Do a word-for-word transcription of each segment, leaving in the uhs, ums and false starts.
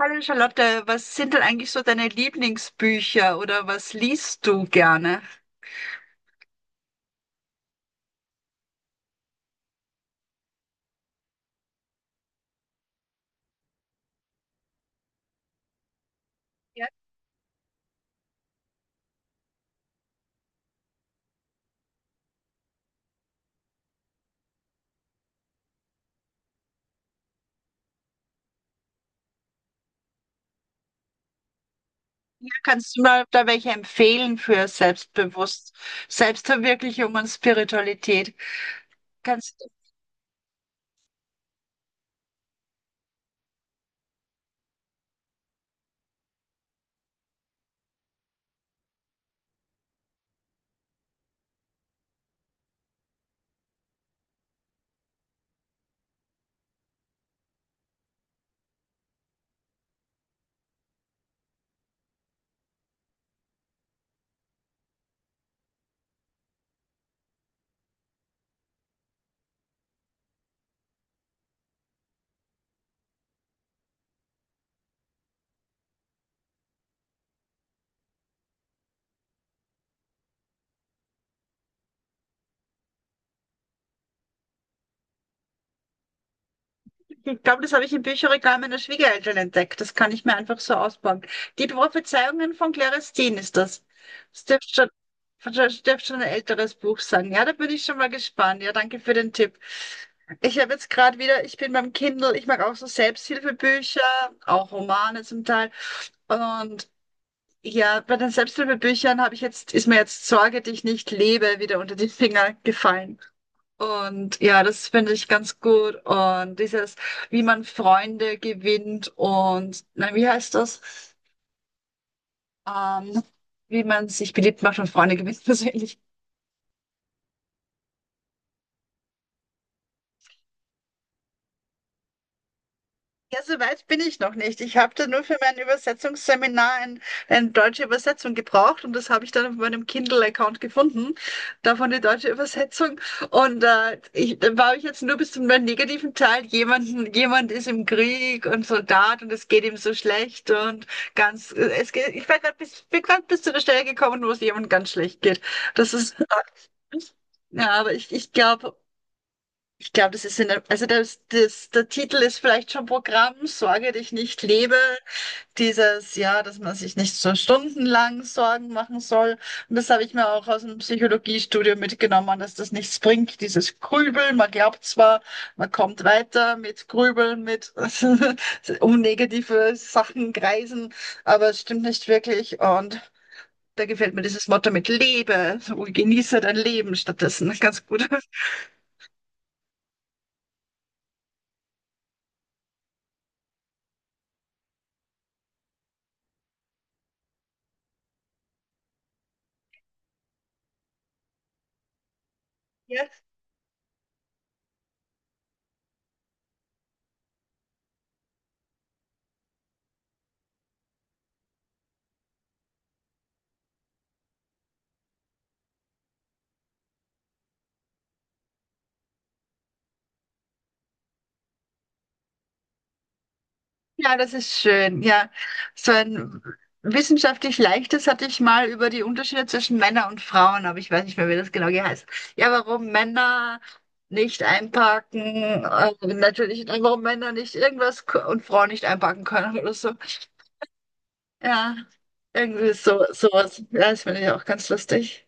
Hallo Charlotte, was sind denn eigentlich so deine Lieblingsbücher oder was liest du gerne? Ja, ja, kannst du mal da welche empfehlen für Selbstbewusst, Selbstverwirklichung und Spiritualität? Kannst Ich glaube, das habe ich im Bücherregal meiner Schwiegereltern entdeckt. Das kann ich mir einfach so ausbauen. Die Prophezeiungen von Claristin ist das. Das dürfte schon, das dürfte schon ein älteres Buch sein. Ja, da bin ich schon mal gespannt. Ja, danke für den Tipp. Ich habe jetzt gerade wieder, Ich bin beim Kindle, ich mag auch so Selbsthilfebücher, auch Romane zum Teil. Und ja, bei den Selbsthilfebüchern habe ich jetzt, ist mir jetzt Sorge, dich nicht lebe, wieder unter die Finger gefallen. Und ja, das finde ich ganz gut. Und dieses, wie man Freunde gewinnt und, nein, wie heißt das? Ähm, Wie man sich beliebt macht und Freunde gewinnt, persönlich. Ja, so weit bin ich noch nicht. Ich habe da nur für mein Übersetzungsseminar ein, eine deutsche Übersetzung gebraucht und das habe ich dann auf meinem Kindle-Account gefunden, davon die deutsche Übersetzung. Und äh, ich, da war ich jetzt nur bis zum negativen Teil. Jemanden, jemand ist im Krieg und Soldat und es geht ihm so schlecht und ganz, es geht, ich war grad bis, bin gerade bis zu der Stelle gekommen, wo es jemandem ganz schlecht geht. Das ist, ja, aber ich, ich glaube, ich glaube, das ist in der, also das, das, der Titel ist vielleicht schon Programm, Sorge dich nicht, lebe. Dieses, ja, dass man sich nicht so stundenlang Sorgen machen soll. Und das habe ich mir auch aus dem Psychologiestudium mitgenommen, dass das nichts bringt, dieses Grübeln. Man glaubt zwar, man kommt weiter mit Grübeln, mit um negative Sachen kreisen, aber es stimmt nicht wirklich. Und da gefällt mir dieses Motto mit lebe und genieße dein Leben stattdessen ganz gut. Ja. Ja, das ist schön. Ja, so ein wissenschaftlich leichtes hatte ich mal über die Unterschiede zwischen Männern und Frauen, aber ich weiß nicht mehr, wie das genau geheißen. Ja, warum Männer nicht einparken, äh, natürlich, warum Männer nicht irgendwas k- und Frauen nicht einparken können oder so. Ja, irgendwie so, sowas. Ja, das finde ich auch ganz lustig.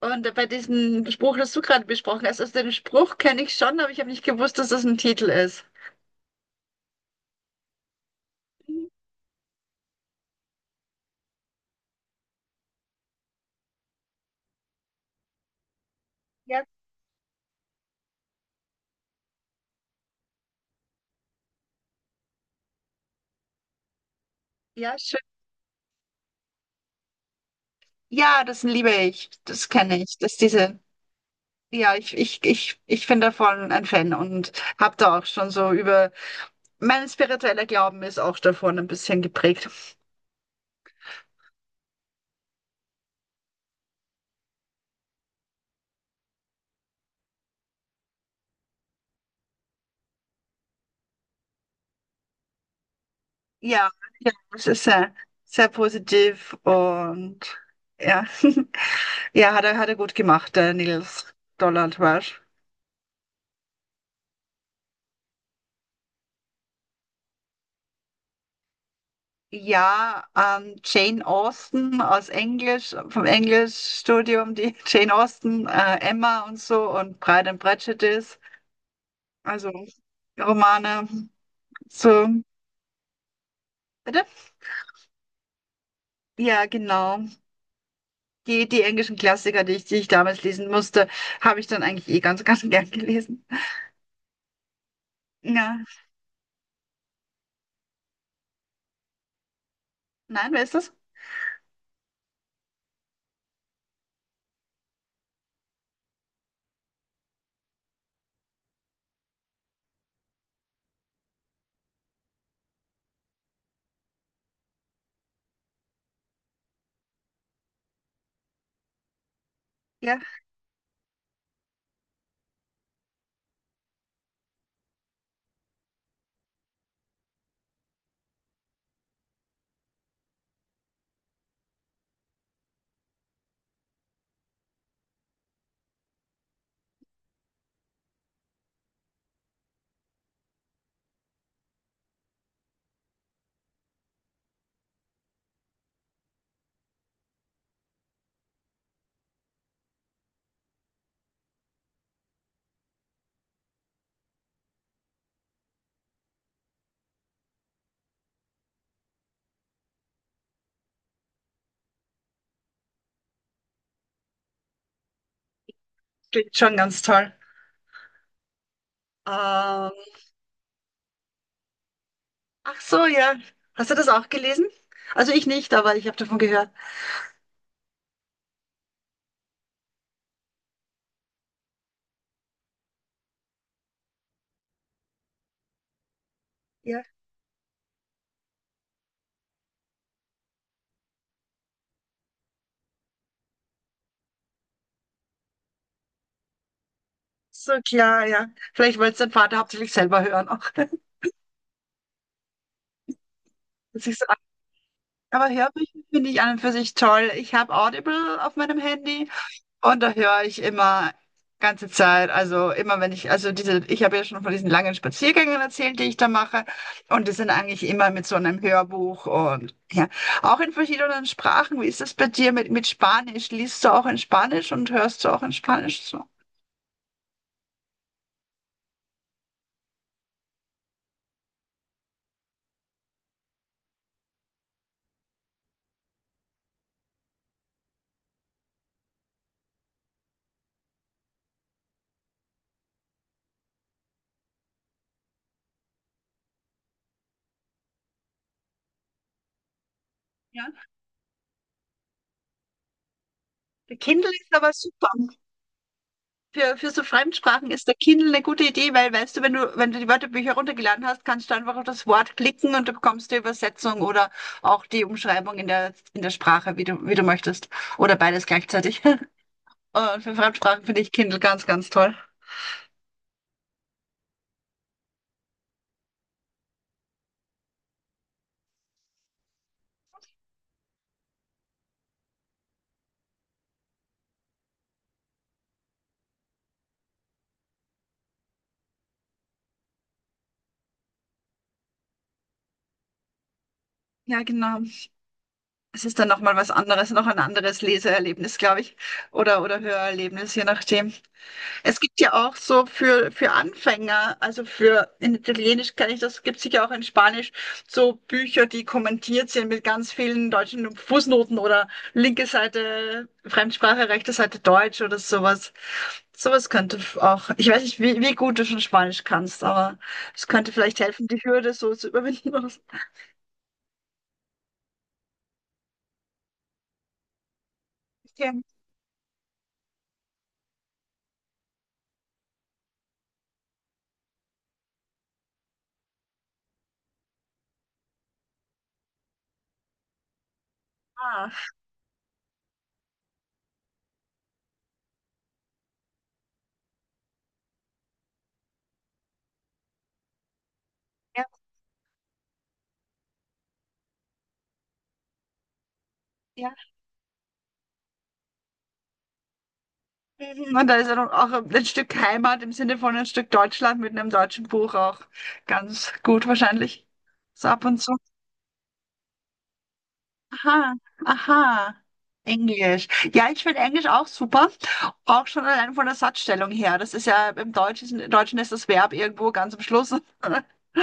Und bei diesem Spruch, das du gerade besprochen hast, also den Spruch kenne ich schon, aber ich habe nicht gewusst, dass das ein Titel ist. Mhm. Ja, ja, schön. Ja, das liebe ich. Das kenne ich. Das diese, ja, ich, ich, ich, ich bin davon ein Fan und habe da auch schon so über, mein spiritueller Glauben ist auch davon ein bisschen geprägt. Ja, ja, es ist sehr, sehr positiv und ja, ja, hat er, hat er gut gemacht, der Nils Donald Walsh. Ja, ähm, Jane Austen aus Englisch, vom Englischstudium, die Jane Austen, äh, Emma und so und Pride and Prejudice. Also. Romane. So, bitte? Ja, genau. Die, die englischen Klassiker, die ich, die ich damals lesen musste, habe ich dann eigentlich eh ganz, ganz gern gelesen. Ja, nein, wer ist das? Ja, klingt schon ganz toll. Ähm, Ach so, ja. Hast du das auch gelesen? Also ich nicht, aber ich habe davon gehört. Ja, so klar, ja. Vielleicht wollte es dein Vater hauptsächlich selber hören auch. Aber Hörbücher finde ich an und für sich toll. Ich habe Audible auf meinem Handy und da höre ich immer ganze Zeit. Also immer wenn ich, also diese, ich habe ja schon von diesen langen Spaziergängen erzählt, die ich da mache. Und die sind eigentlich immer mit so einem Hörbuch und ja, auch in verschiedenen Sprachen. Wie ist das bei dir mit, mit, Spanisch? Liest du auch in Spanisch und hörst du auch in Spanisch so? Ja, der Kindle ist aber super. Für, für so Fremdsprachen ist der Kindle eine gute Idee, weil weißt du, wenn du, wenn du die Wörterbücher runtergeladen hast, kannst du einfach auf das Wort klicken und du bekommst die Übersetzung oder auch die Umschreibung in der, in der, Sprache, wie du, wie du möchtest. Oder beides gleichzeitig. Und für Fremdsprachen finde ich Kindle ganz, ganz toll. Ja, genau. Es ist dann nochmal was anderes, noch ein anderes Leseerlebnis, glaube ich. Oder, oder Hörerlebnis, je nachdem. Es gibt ja auch so für, für, Anfänger, also für in Italienisch kann ich das, gibt es sicher auch in Spanisch, so Bücher, die kommentiert sind mit ganz vielen deutschen Fußnoten oder linke Seite Fremdsprache, rechte Seite Deutsch oder sowas. Sowas könnte f- auch, ich weiß nicht, wie, wie gut du schon Spanisch kannst, aber es könnte vielleicht helfen, die Hürde so zu überwinden. ja, ja. Mhm. Und da ist ja noch auch ein Stück Heimat im Sinne von ein Stück Deutschland mit einem deutschen Buch auch ganz gut wahrscheinlich. So ab und zu. Aha, aha. Englisch. Ja, ich finde Englisch auch super. Auch schon allein von der Satzstellung her. Das ist ja im Deutschen, im Deutschen ist das Verb irgendwo ganz am Schluss. Und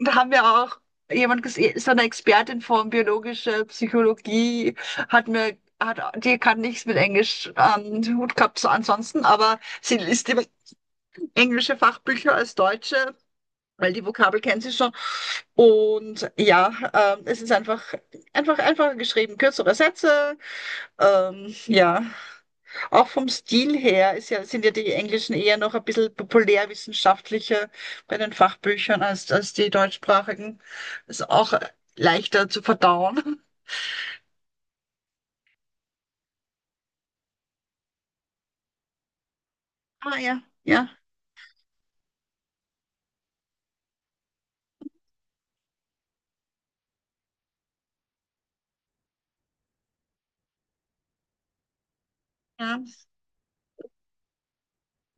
da haben wir auch jemand gesehen, so eine Expertin von biologischer Psychologie hat mir, hat, die kann nichts mit Englisch am Hut gehabt, so ansonsten, aber sie ist die englische Fachbücher als deutsche, weil die Vokabel kennen sie schon. Und ja, ähm, es ist einfach, einfach einfacher geschrieben, kürzere Sätze. Ähm, ja, auch vom Stil her ist ja, sind ja die Englischen eher noch ein bisschen populärwissenschaftlicher bei den Fachbüchern als, als die deutschsprachigen. Ist auch leichter zu verdauen. Ah ja, ja, ja.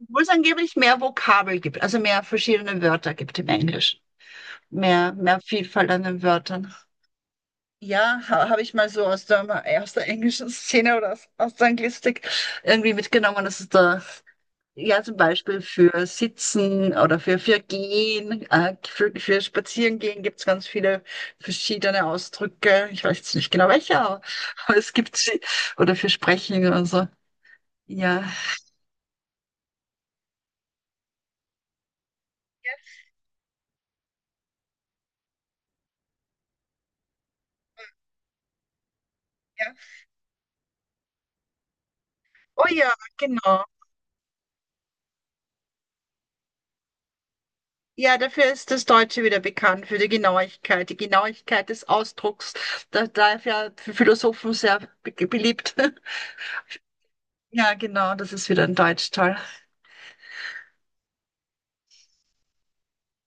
Obwohl es angeblich mehr Vokabel gibt, also mehr verschiedene Wörter gibt im Englischen. Mehr, mehr Vielfalt an den Wörtern. Ja, ha, habe ich mal so aus der, aus der, englischen Szene oder aus, aus der Anglistik irgendwie mitgenommen. Das ist da. Ja, zum Beispiel für Sitzen oder für, für Gehen, äh, für, für Spazierengehen gibt es ganz viele verschiedene Ausdrücke. Ich weiß jetzt nicht genau welche, aber, aber es gibt sie. Oder für Sprechen oder so. Ja. Ja. Oh ja, genau. Ja, dafür ist das Deutsche wieder bekannt, für die Genauigkeit, die Genauigkeit des Ausdrucks. Da, da ist ja für Philosophen sehr be beliebt. Ja, genau, das ist wieder ein Deutschteil.